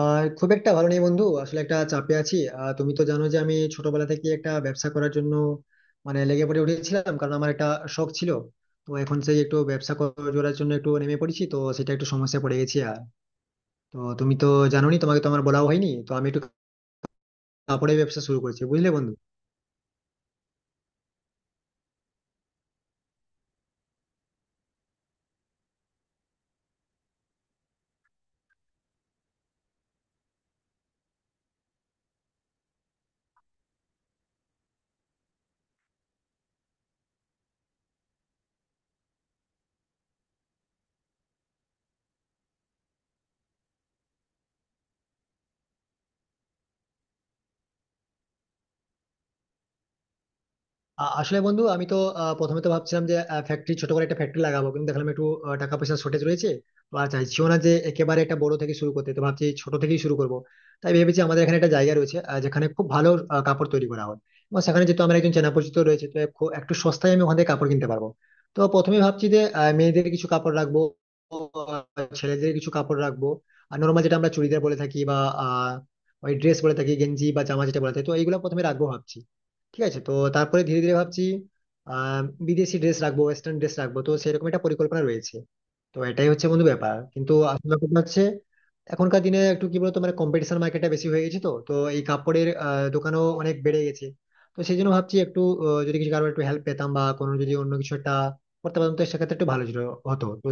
আর খুব একটা ভালো নেই বন্ধু। আসলে একটা চাপে আছি। তুমি তো জানো যে আমি ছোটবেলা থেকে একটা ব্যবসা করার জন্য মানে লেগে পড়ে উঠেছিলাম, কারণ আমার একটা শখ ছিল। তো এখন সেই একটু ব্যবসা করার জন্য একটু নেমে পড়েছি, তো সেটা একটু সমস্যা পড়ে গেছি। আর তো তুমি তো জানোনি, তোমাকে তো আমার বলাও হয়নি। তো আমি একটু কাপড়ের ব্যবসা শুরু করেছি, বুঝলে বন্ধু। আসলে বন্ধু, আমি তো প্রথমে তো ভাবছিলাম যে ফ্যাক্টরি ছোট করে একটা ফ্যাক্টরি লাগাবো, কিন্তু দেখলাম একটু টাকা পয়সার শর্টেজ রয়েছে। তো আর চাইছিও না যে একেবারে একটা বড় থেকে শুরু করতে, তো ভাবছি ছোট থেকেই শুরু করব। তাই ভেবেছি আমাদের এখানে একটা জায়গা রয়েছে যেখানে খুব ভালো কাপড় তৈরি করা হয়, এবং সেখানে যেহেতু আমার একজন চেনা পরিচিত রয়েছে তো একটু সস্তায় আমি ওখান থেকে কাপড় কিনতে পারবো। তো প্রথমে ভাবছি যে মেয়েদের কিছু কাপড় রাখবো, আহ, ছেলেদের কিছু কাপড় রাখবো, আর নর্মাল যেটা আমরা চুড়িদার বলে থাকি বা আহ, ওই ড্রেস বলে থাকি, গেঞ্জি বা জামা যেটা বলে থাকি, তো এইগুলো প্রথমে রাখবো ভাবছি। ঠিক আছে। তো তারপরে ধীরে ধীরে ভাবছি আহ বিদেশি ড্রেস রাখবো, ওয়েস্টার্ন ড্রেস রাখবো, তো সেরকম একটা পরিকল্পনা রয়েছে। তো এটাই হচ্ছে বন্ধু ব্যাপার। কিন্তু আসলে কথা হচ্ছে এখনকার দিনে একটু কি বলতো মানে কম্পিটিশন মার্কেটটা বেশি হয়ে গেছে, তো তো এই কাপড়ের দোকানও অনেক বেড়ে গেছে। তো সেই জন্য ভাবছি একটু যদি কিছু কারো একটু হেল্প পেতাম বা কোনো যদি অন্য কিছু একটা করতে পারতাম, তো সেক্ষেত্রে একটু হতো। তো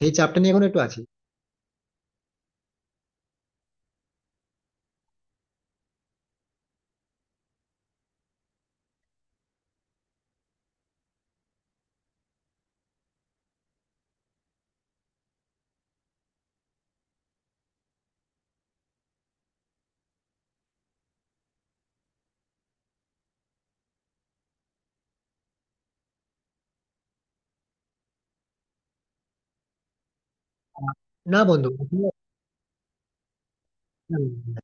সেই চাপটা নিয়ে এখন একটু আছি। আহ, না বন্ধু আসলে-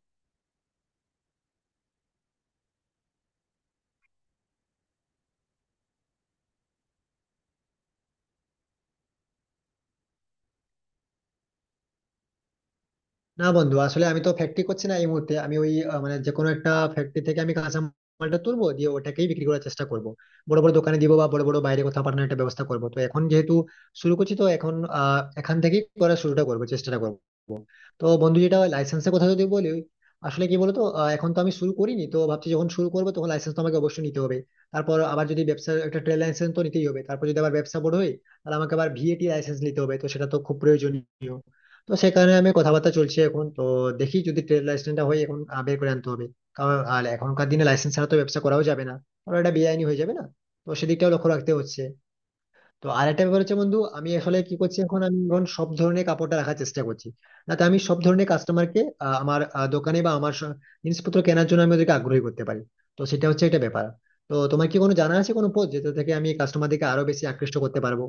না বন্ধু, আসলে আমি তো ফ্যাক্টরি করছি না এই মুহূর্তে। আমি ওই মানে যে কোনো একটা ফ্যাক্টরি থেকে আমি কাঁচামালটা তুলবো, দিয়ে ওটাকেই বিক্রি করার চেষ্টা করব। বড় বড় দোকানে দিব বা বড় বড় বাইরে কোথাও পাঠানোর একটা ব্যবস্থা করব। তো এখন যেহেতু শুরু করছি, তো এখন এখান থেকেই করার শুরুটা করবো, চেষ্টাটা করব। তো বন্ধু, যেটা লাইসেন্সের কথা যদি বলি, আসলে কি বলতো এখন তো আমি শুরু করিনি, তো ভাবছি যখন শুরু করবো তখন লাইসেন্স তো আমাকে অবশ্যই নিতে হবে। তারপর আবার যদি ব্যবসার একটা ট্রেড লাইসেন্স তো নিতেই হবে, তারপর যদি আবার ব্যবসা বড় হয় তাহলে আমাকে আবার ভিএটি লাইসেন্স নিতে হবে, তো সেটা তো খুব প্রয়োজনীয়। তো সে কারণে আমি কথাবার্তা চলছে এখন। তো দেখি যদি ট্রেড লাইসেন্সটা হয়, এখন বের করে আনতে হবে। কারণ আর এখনকার দিনে লাইসেন্স ছাড়া তো ব্যবসা করাও যাবে না, কারণ এটা বেআইনি হয়ে যাবে না। তো সেদিকটাও লক্ষ্য রাখতে হচ্ছে। তো আর একটা ব্যাপার হচ্ছে বন্ধু, আমি আসলে কি করছি এখন, আমি এখন সব ধরনের কাপড়টা রাখার চেষ্টা করছি না। তো আমি সব ধরনের কাস্টমারকে আমার দোকানে বা আমার জিনিসপত্র কেনার জন্য আমি ওদেরকে আগ্রহী করতে পারি, তো সেটা হচ্ছে একটা ব্যাপার। তো তোমার কি কোনো জানা আছে কোনো পথ, যেটা থেকে আমি কাস্টমারদেরকে আরো বেশি আকৃষ্ট করতে পারবো?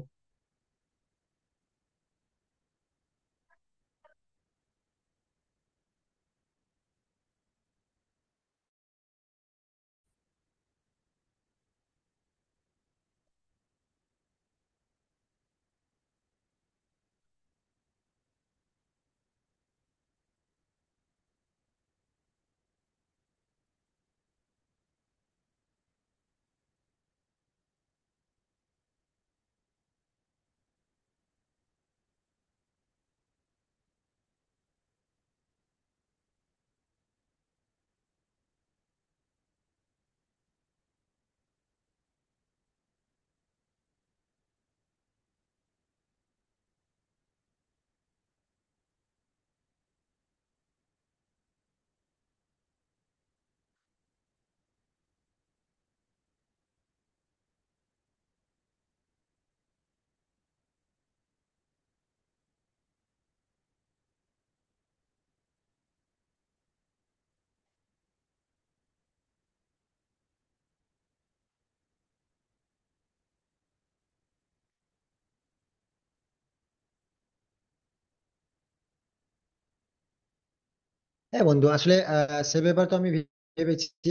হ্যাঁ বন্ধু, আসলে সে ব্যাপার তো আমি ভেবেছি।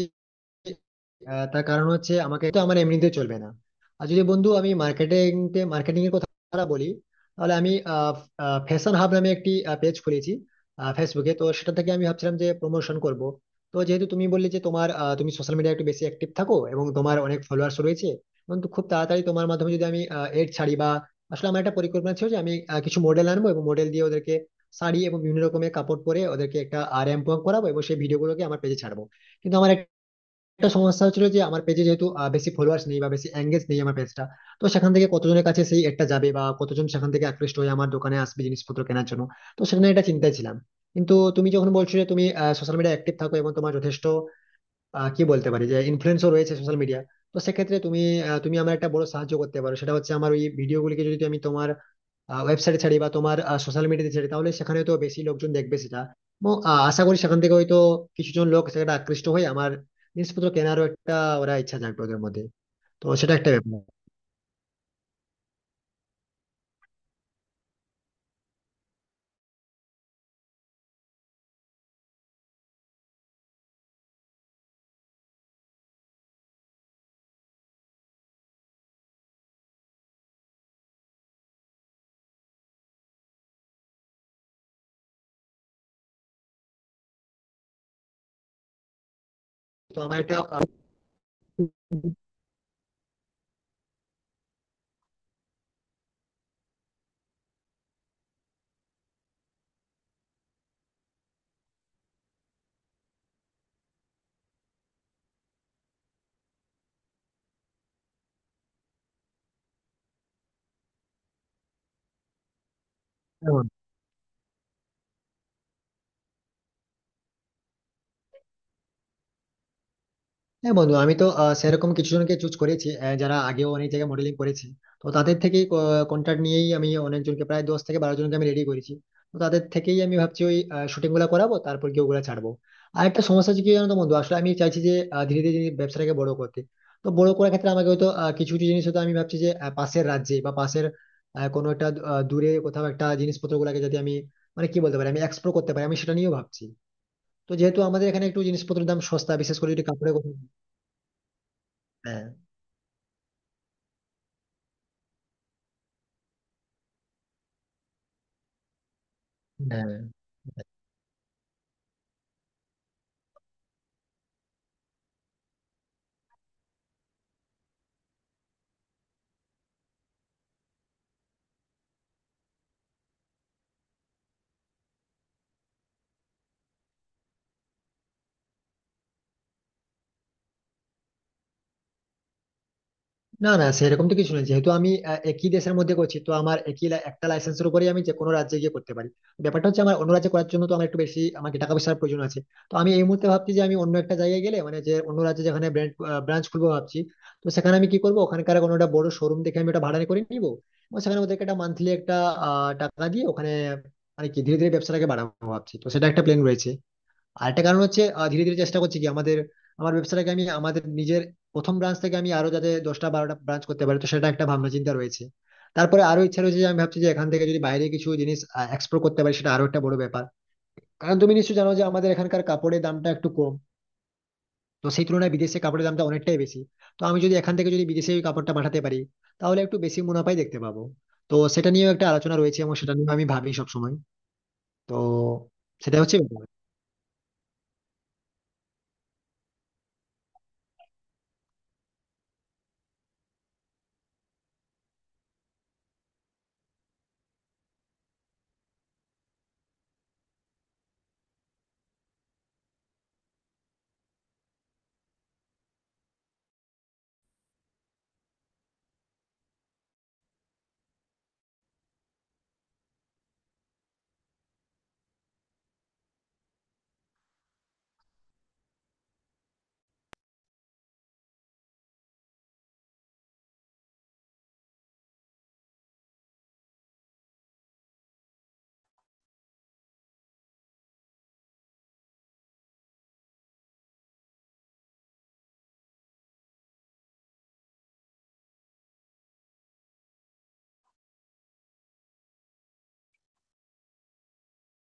তার কারণ হচ্ছে আমাকে তো আমার এমনিতে চলবে না। আর যদি বন্ধু আমি মার্কেটিং মার্কেটিং এর কথা বলি, তাহলে আমি ফ্যাশন হাব নামে একটি পেজ খুলেছি ফেসবুকে, তো সেটা থেকে আমি ভাবছিলাম যে প্রমোশন করব। তো যেহেতু তুমি বললে যে তোমার তুমি সোশ্যাল মিডিয়া একটু বেশি অ্যাক্টিভ থাকো এবং তোমার অনেক ফলোয়ার্স রয়েছে, এবং তো খুব তাড়াতাড়ি তোমার মাধ্যমে যদি আমি এড ছাড়ি বা, আসলে আমার একটা পরিকল্পনা ছিল যে আমি কিছু মডেল আনবো এবং মডেল দিয়ে ওদেরকে শাড়ি এবং বিভিন্ন রকমের কাপড় পরে ওদেরকে একটা র্যাম্প ওয়াক করাবো, এবং সেই ভিডিওগুলোকে আমার পেজে ছাড়বো। কিন্তু আমার একটা সমস্যা হচ্ছিল যে আমার পেজে যেহেতু বেশি ফলোয়ার্স নেই বা বেশি এঙ্গেজ নেই আমার পেজটা, তো সেখান থেকে কতজনের কাছে সেই একটা যাবে বা কতজন সেখান থেকে আকৃষ্ট হয়ে আমার দোকানে আসবে জিনিসপত্র কেনার জন্য, তো সেখানে একটা চিন্তায় ছিলাম। কিন্তু তুমি যখন বলছো যে তুমি সোশ্যাল মিডিয়া অ্যাক্টিভ থাকো এবং তোমার যথেষ্ট কি বলতে পারি যে ইনফ্লুয়েন্সও রয়েছে সোশ্যাল মিডিয়া, তো সেক্ষেত্রে তুমি তুমি আমার একটা বড় সাহায্য করতে পারো। সেটা হচ্ছে আমার ওই ভিডিওগুলিকে যদি আমি তোমার ওয়েবসাইটে ছাড়ি বা তোমার সোশ্যাল মিডিয়াতে ছাড়ি, তাহলে সেখানে তো বেশি লোকজন দেখবে সেটা, এবং আশা করি সেখান থেকে হয়তো কিছুজন লোক সেটা আকৃষ্ট হয়ে আমার জিনিসপত্র কেনারও একটা ওরা ইচ্ছা জাগবে ওদের মধ্যে, তো সেটা একটা ব্যাপার। তো আমার একটা আহ, হ্যাঁ বন্ধু, আমি তো সেরকম কিছু জনকে চুজ করেছি যারা আগেও অনেক জায়গায় মডেলিং করেছে। তো তাদের থেকেই কন্ট্রাক্ট নিয়েই আমি অনেকজনকে প্রায় 10 থেকে 12 জনকে আমি রেডি করেছি। তো তাদের থেকেই আমি ভাবছি ওই শুটিং গুলা করাবো, তারপর কি ওগুলা ছাড়বো। আর একটা সমস্যা হচ্ছে কি জানো তো বন্ধু, আসলে আমি চাইছি যে ধীরে ধীরে ব্যবসাটাকে বড় করতে। তো বড় করার ক্ষেত্রে আমাকে হয়তো কিছু কিছু জিনিস হয়তো আমি ভাবছি যে পাশের রাজ্যে বা পাশের কোনো একটা দূরে কোথাও একটা জিনিসপত্র গুলাকে যদি আমি মানে কি বলতে পারি আমি এক্সপ্লোর করতে পারি, আমি সেটা নিয়েও ভাবছি। তো যেহেতু আমাদের এখানে একটু জিনিসপত্রের দাম সস্তা, বিশেষ করে যদি কাপড়ের কথা, হ্যাঁ, হ্যাঁ, না না সেরকম তো কিছু নেই। যেহেতু আমি একই দেশের মধ্যে করছি, তো আমার একই একটা লাইসেন্সের উপরে আমি যে কোনো রাজ্যে গিয়ে করতে পারি। ব্যাপারটা হচ্ছে আমার অন্য রাজ্যে করার জন্য তো আমার একটু বেশি আমাকে টাকা পয়সার প্রয়োজন আছে। তো আমি এই মুহূর্তে ভাবছি যে আমি অন্য একটা জায়গায় গেলে, মানে যে অন্য রাজ্যে যেখানে ব্রাঞ্চ খুলবো ভাবছি, তো সেখানে আমি কি করবো, ওখানকার কোনো একটা বড় শোরুম দেখে আমি ওটা ভাড়া করে নিবো, এবং সেখানে ওদেরকে একটা মান্থলি একটা টাকা দিয়ে ওখানে মানে কি ধীরে ধীরে ব্যবসাটাকে বাড়াবো ভাবছি, তো সেটা একটা প্ল্যান রয়েছে। আরেকটা কারণ হচ্ছে ধীরে ধীরে চেষ্টা করছি কি আমাদের আমার ব্যবসাটাকে আমি আমাদের নিজের প্রথম ব্রাঞ্চ থেকে আমি আরো যাতে 10টা 12টা ব্রাঞ্চ করতে পারি, তো সেটা একটা ভাবনা চিন্তা রয়েছে। তারপরে আরো ইচ্ছা রয়েছে যে আমি ভাবছি যে এখান থেকে যদি বাইরে কিছু জিনিস এক্সপোর্ট করতে পারি, সেটা আরো একটা বড় ব্যাপার। কারণ তুমি নিশ্চয়ই জানো যে আমাদের এখানকার কাপড়ের দামটা একটু কম, তো সেই তুলনায় বিদেশে কাপড়ের দামটা অনেকটাই বেশি। তো আমি যদি এখান থেকে যদি বিদেশে ওই কাপড়টা পাঠাতে পারি, তাহলে একটু বেশি মুনাফাই দেখতে পাবো। তো সেটা নিয়েও একটা আলোচনা রয়েছে এবং সেটা নিয়ে আমি ভাবি সবসময়। তো সেটা হচ্ছে ব্যাপার।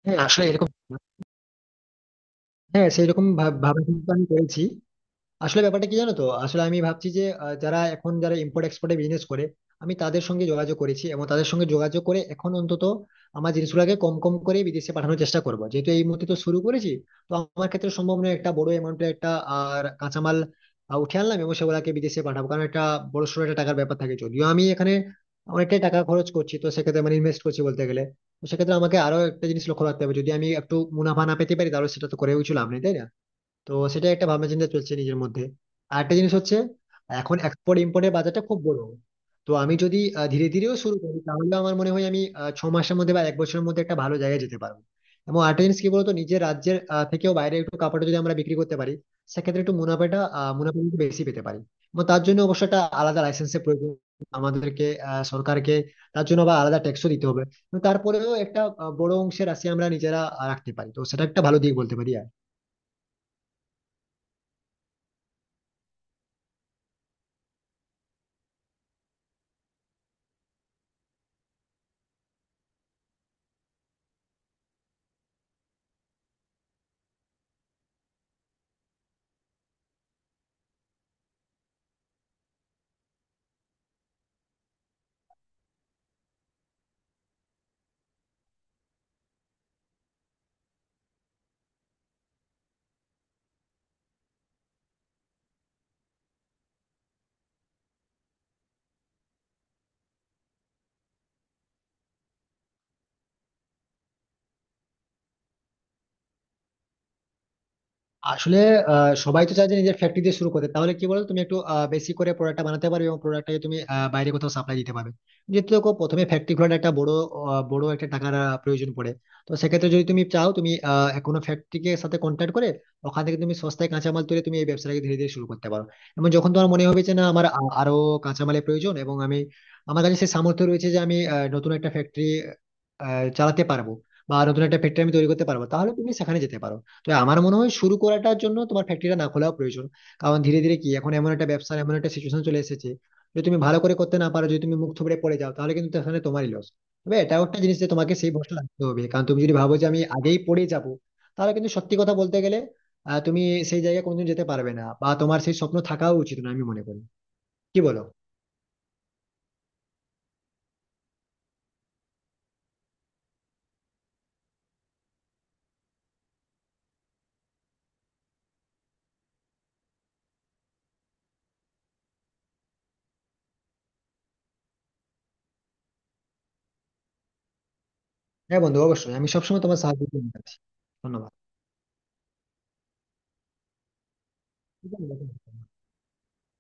হ্যাঁ আসলে এরকম হ্যাঁ, সেইরকম ভাবা চিন্তা আমি করেছি। আসলে ব্যাপারটা কি জানো তো, আসলে আমি ভাবছি যে যারা এখন ইম্পোর্ট এক্সপোর্টে বিজনেস করে, আমি তাদের সঙ্গে যোগাযোগ করেছি এবং তাদের সঙ্গে যোগাযোগ করে এখন অন্তত আমার জিনিসগুলোকে কম কম করে বিদেশে পাঠানোর চেষ্টা করব, যেহেতু এই মুহূর্তে তো শুরু করেছি। তো আমার ক্ষেত্রে সম্ভব নয় একটা বড় অ্যামাউন্টের একটা আর কাঁচামাল উঠে আনলাম এবং সেগুলোকে বিদেশে পাঠাবো, কারণ একটা বড় সড়ো একটা টাকার ব্যাপার থাকে। যদিও আমি এখানে অনেকটাই টাকা খরচ করছি, তো সেক্ষেত্রে মানে ইনভেস্ট করছি বলতে গেলে, তো সেক্ষেত্রে আমাকে আরো একটা জিনিস লক্ষ্য রাখতে হবে, যদি আমি একটু মুনাফা না পেতে পারি তাহলে সেটা তো করেও কিছু লাভ নেই, তাই না। তো সেটা একটা ভাবনা চিন্তা চলছে নিজের মধ্যে। আর একটা জিনিস হচ্ছে এখন এক্সপোর্ট ইম্পোর্টের বাজারটা খুব বড়। তো আমি যদি ধীরে ধীরেও শুরু করি তাহলে আমার মনে হয় আমি 6 মাসের মধ্যে বা 1 বছরের মধ্যে একটা ভালো জায়গায় যেতে পারবো। এবং আরেকটা জিনিস কি বলতো, নিজের রাজ্যের থেকেও বাইরে একটু কাপড়টা যদি আমরা বিক্রি করতে পারি, সেক্ষেত্রে একটু মুনাফা একটু বেশি পেতে পারি। এবং তার জন্য অবশ্য একটা আলাদা লাইসেন্সের প্রয়োজন আমাদেরকে সরকারকে, তার জন্য আবার আলাদা ট্যাক্সও দিতে হবে। এবং তারপরেও একটা বড় অংশের রাশি আমরা নিজেরা রাখতে পারি, তো সেটা একটা ভালো দিক বলতে পারি। আসলে সবাই তো চায় যে নিজের ফ্যাক্টরি দিয়ে শুরু করতে, তাহলে কি বলো তুমি একটু বেশি করে প্রোডাক্টটা বানাতে পারবে এবং প্রোডাক্টটাকে তুমি বাইরে কোথাও সাপ্লাই দিতে পারবে। যেহেতু দেখো প্রথমে ফ্যাক্টরি খোলার একটা বড় একটা টাকার প্রয়োজন পড়ে। তো সেক্ষেত্রে যদি তুমি চাও তুমি কোনো ফ্যাক্টরিকে সাথে কন্ট্যাক্ট করে ওখান থেকে তুমি সস্তায় কাঁচামাল তুলে তুমি এই ব্যবসাটাকে ধীরে ধীরে শুরু করতে পারো। এবং যখন তোমার মনে হবে যে না আমার আরো কাঁচামালের প্রয়োজন এবং আমি আমার কাছে সেই সামর্থ্য রয়েছে যে আমি নতুন একটা ফ্যাক্টরি চালাতে পারবো বা নতুন একটা ফ্যাক্টরি আমি তৈরি করতে পারবো, তাহলে তুমি সেখানে যেতে পারো। তো আমার মনে হয় শুরু করাটার জন্য তোমার ফ্যাক্টরিটা না খোলাও প্রয়োজন। কারণ ধীরে ধীরে কি এখন এমন একটা ব্যবসার এমন একটা সিচুয়েশন চলে এসেছে, যদি তুমি ভালো করে করতে না পারো, যদি তুমি মুখ থুবড়ে পড়ে যাও, তাহলে কিন্তু তাহলে তোমারই লস। তবে এটাও একটা জিনিস যে তোমাকে সেই ভরসা রাখতে হবে, কারণ তুমি যদি ভাবো যে আমি আগেই পড়ে যাব, তাহলে কিন্তু সত্যি কথা বলতে গেলে তুমি সেই জায়গায় কোনোদিন যেতে পারবে না, বা তোমার সেই স্বপ্ন থাকাও উচিত না আমি মনে করি। কি বলো। হ্যাঁ বন্ধু, অবশ্যই আমি সবসময় তোমার সাহায্য করতে রাজি আছি। ধন্যবাদ।